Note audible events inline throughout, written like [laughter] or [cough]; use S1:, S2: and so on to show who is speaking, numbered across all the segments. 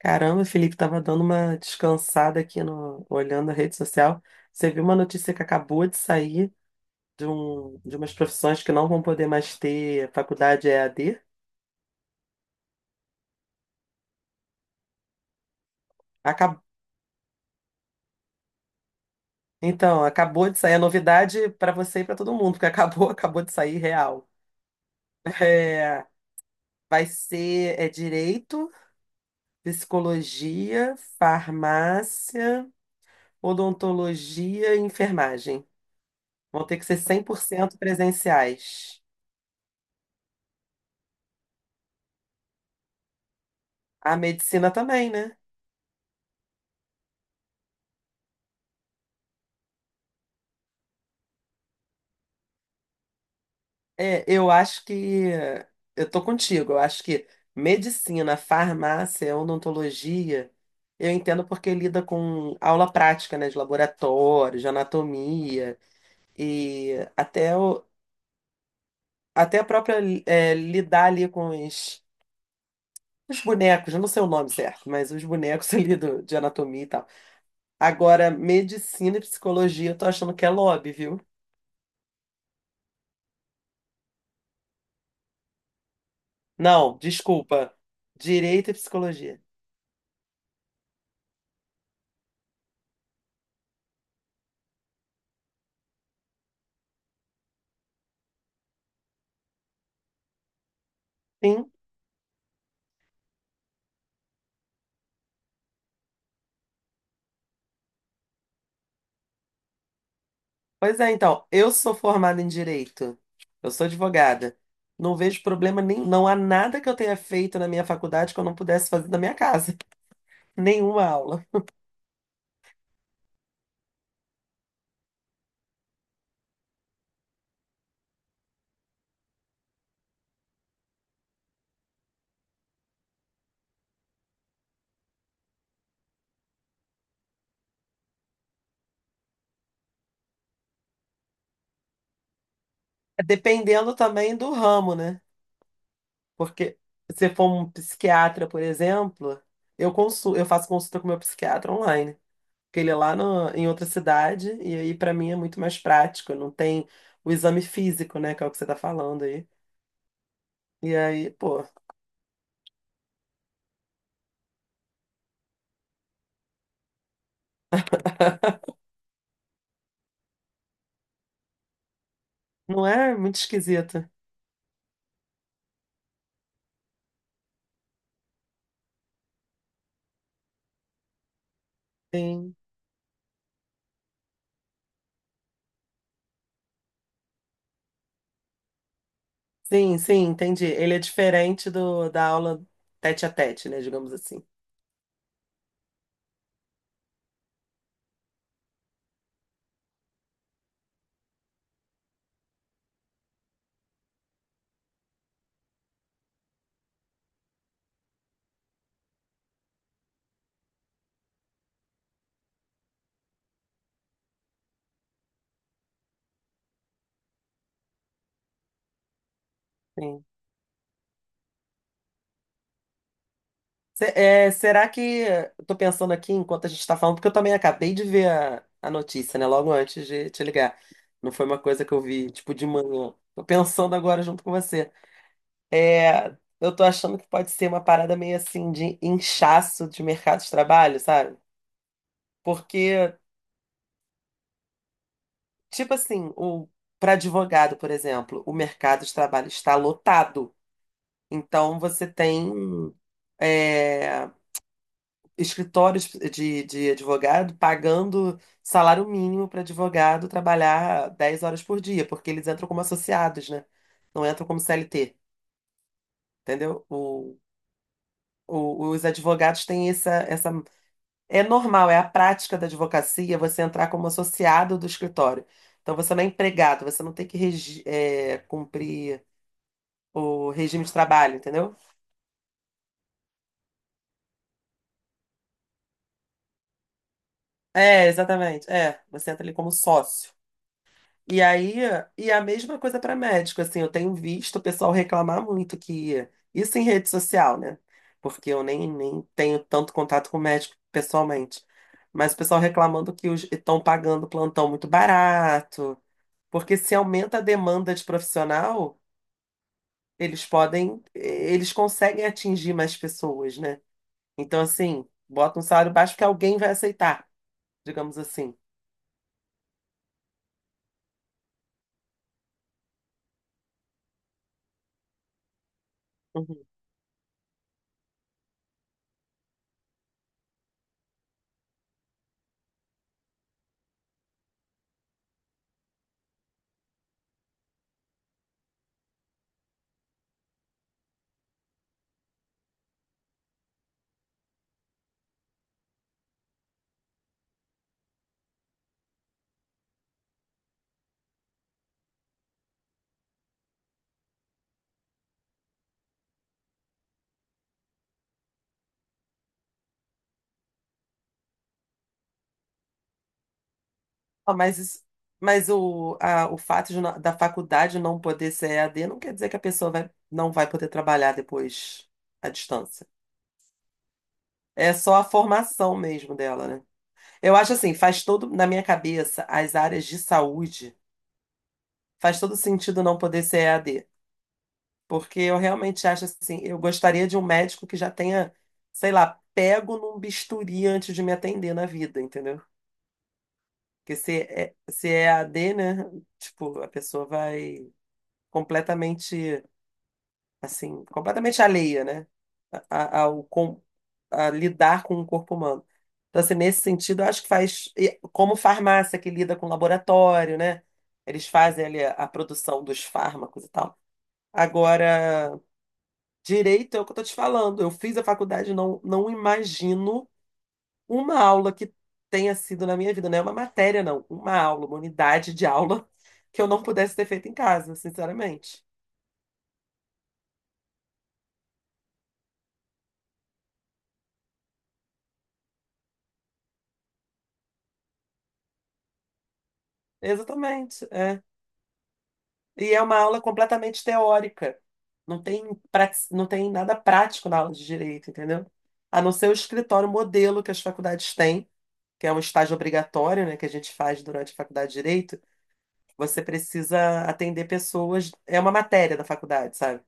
S1: Caramba, o Felipe, estava dando uma descansada aqui no, olhando a rede social. Você viu uma notícia que acabou de sair de umas profissões que não vão poder mais ter faculdade EAD? Acab- Então, acabou de sair a novidade para você e para todo mundo, porque acabou, [laughs] acabou de sair real. É, vai ser é direito, psicologia, farmácia, odontologia e enfermagem. Vão ter que ser 100% presenciais. A medicina também, né? É, eu acho que eh, eu tô contigo. Eu acho que medicina, farmácia, odontologia, eu entendo porque lida com aula prática, né, de laboratório, de anatomia e até a própria lidar ali com os bonecos. Eu não sei o nome certo, mas os bonecos [laughs] ali de anatomia e tal. Agora, medicina e psicologia, eu tô achando que é lobby, viu? Não, desculpa. Direito e psicologia. Sim. Pois é, então, eu sou formada em direito, eu sou advogada. Não vejo problema nenhum, não há nada que eu tenha feito na minha faculdade que eu não pudesse fazer na minha casa. [laughs] Nenhuma aula. Dependendo também do ramo, né? Porque se for um psiquiatra, por exemplo, eu faço consulta com meu psiquiatra online, porque ele é lá em outra cidade e aí para mim é muito mais prático, não tem o exame físico, né, que é o que você tá falando aí. E aí, pô, [laughs] não é muito esquisito. Sim. Sim, sim, entendi. Ele é diferente da aula tete a tete, né? Digamos assim. Sim. Será que. Eu tô pensando aqui enquanto a gente tá falando, porque eu também acabei de ver a notícia, né? Logo antes de te ligar. Não foi uma coisa que eu vi, tipo, de manhã. Tô pensando agora junto com você. É, eu tô achando que pode ser uma parada meio assim de inchaço de mercado de trabalho, sabe? Porque, tipo assim, para advogado, por exemplo, o mercado de trabalho está lotado. Então, você tem é, escritórios de advogado pagando salário mínimo para advogado trabalhar 10 horas por dia, porque eles entram como associados, né? Não entram como CLT, entendeu? Os advogados têm essa. É normal, é a prática da advocacia você entrar como associado do escritório. Então você não é empregado, você não tem que cumprir o regime de trabalho, entendeu? É, exatamente. É, você entra ali como sócio. E aí, e a mesma coisa para médico, assim, eu tenho visto o pessoal reclamar muito que isso em rede social, né? Porque eu nem, nem tenho tanto contato com médico pessoalmente. Mas o pessoal reclamando que os estão pagando plantão muito barato, porque se aumenta a demanda de profissional, eles conseguem atingir mais pessoas, né? Então, assim, bota um salário baixo que alguém vai aceitar, digamos assim. Ah, mas o fato de da faculdade não poder ser EAD não quer dizer que a pessoa não vai poder trabalhar depois à distância. É só a formação mesmo dela, né? Eu acho assim, faz todo, na minha cabeça, as áreas de saúde, faz todo sentido não poder ser EAD. Porque eu realmente acho assim, eu gostaria de um médico que já tenha, sei lá, pego num bisturi antes de me atender na vida, entendeu? Porque se é EAD, né? Tipo, a pessoa vai completamente, assim, completamente alheia, né? A, a- ao, com, a lidar com o corpo humano. Então, assim, nesse sentido, eu acho que faz, e como farmácia que lida com laboratório, né? Eles fazem ali a produção dos fármacos e tal. Agora, direito é o que eu tô te falando. Eu fiz a faculdade, não imagino uma aula que tenha sido na minha vida, não é uma matéria, não, uma aula, uma unidade de aula [laughs] que eu não pudesse ter feito em casa, sinceramente. Exatamente. É. E é uma aula completamente teórica. Não tem, não tem nada prático na aula de direito, entendeu? A não ser o escritório modelo que as faculdades têm, que é um estágio obrigatório, né, que a gente faz durante a faculdade de direito. Você precisa atender pessoas, é uma matéria da faculdade, sabe?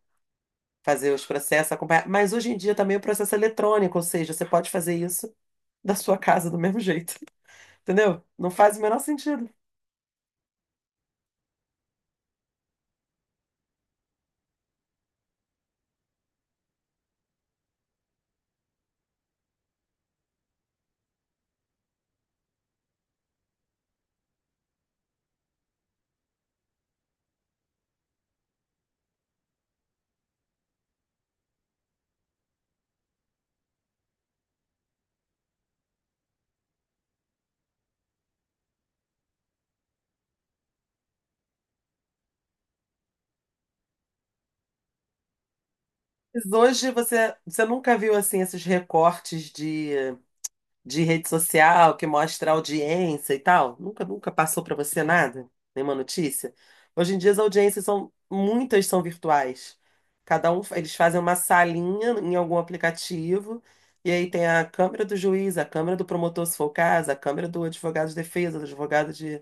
S1: Fazer os processos, acompanhar. Mas hoje em dia também o processo é eletrônico, ou seja, você pode fazer isso da sua casa do mesmo jeito, [laughs] entendeu? Não faz o menor sentido. Mas hoje você nunca viu assim esses recortes de rede social que mostra audiência e tal? Nunca, nunca passou para você nada? Nenhuma notícia? Hoje em dia as audiências muitas são virtuais. Cada um, eles fazem uma salinha em algum aplicativo e aí tem a câmera do juiz, a câmera do promotor, se for o caso, a câmera do advogado de defesa, do advogado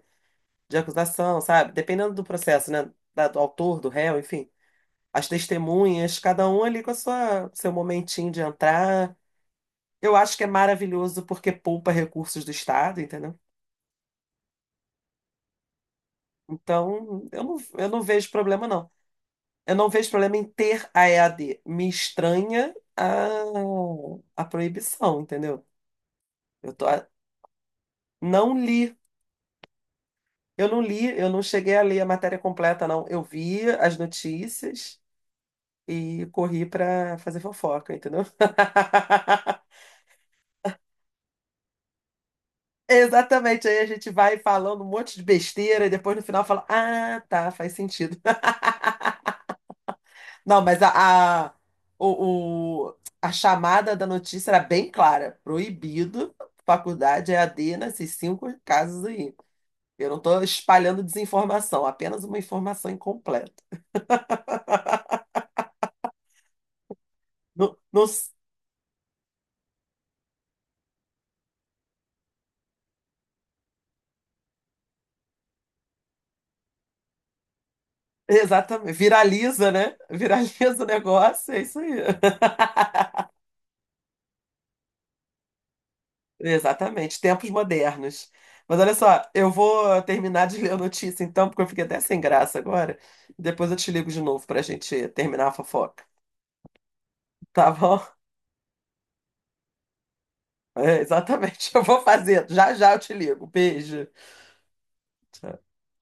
S1: de acusação, sabe? Dependendo do processo, né? Do autor, do réu, enfim. As testemunhas, cada um ali com seu momentinho de entrar. Eu acho que é maravilhoso porque poupa recursos do Estado, entendeu? Então, eu não vejo problema, não. Eu não vejo problema em ter a EAD. Me estranha a proibição, entendeu? Eu tô, não li, eu não li, eu não cheguei a ler a matéria completa, não. Eu vi as notícias e corri para fazer fofoca, entendeu? [laughs] Exatamente, aí a gente vai falando um monte de besteira e depois no final fala: Ah, tá, faz sentido. Não, mas a chamada da notícia era bem clara. Proibido, faculdade EAD nesses cinco casos aí. Eu não estou espalhando desinformação, apenas uma informação incompleta. No, no- exatamente. Viraliza, né? [laughs] Viraliza o negócio, é isso aí. Exatamente, tempos modernos. Mas olha só, eu vou terminar de ler a notícia então, porque eu fiquei até sem graça agora. Depois eu te ligo de novo para a gente terminar a fofoca. Tá bom? É, exatamente. [laughs] Eu vou fazer. Já já eu te ligo. Beijo. Tchau.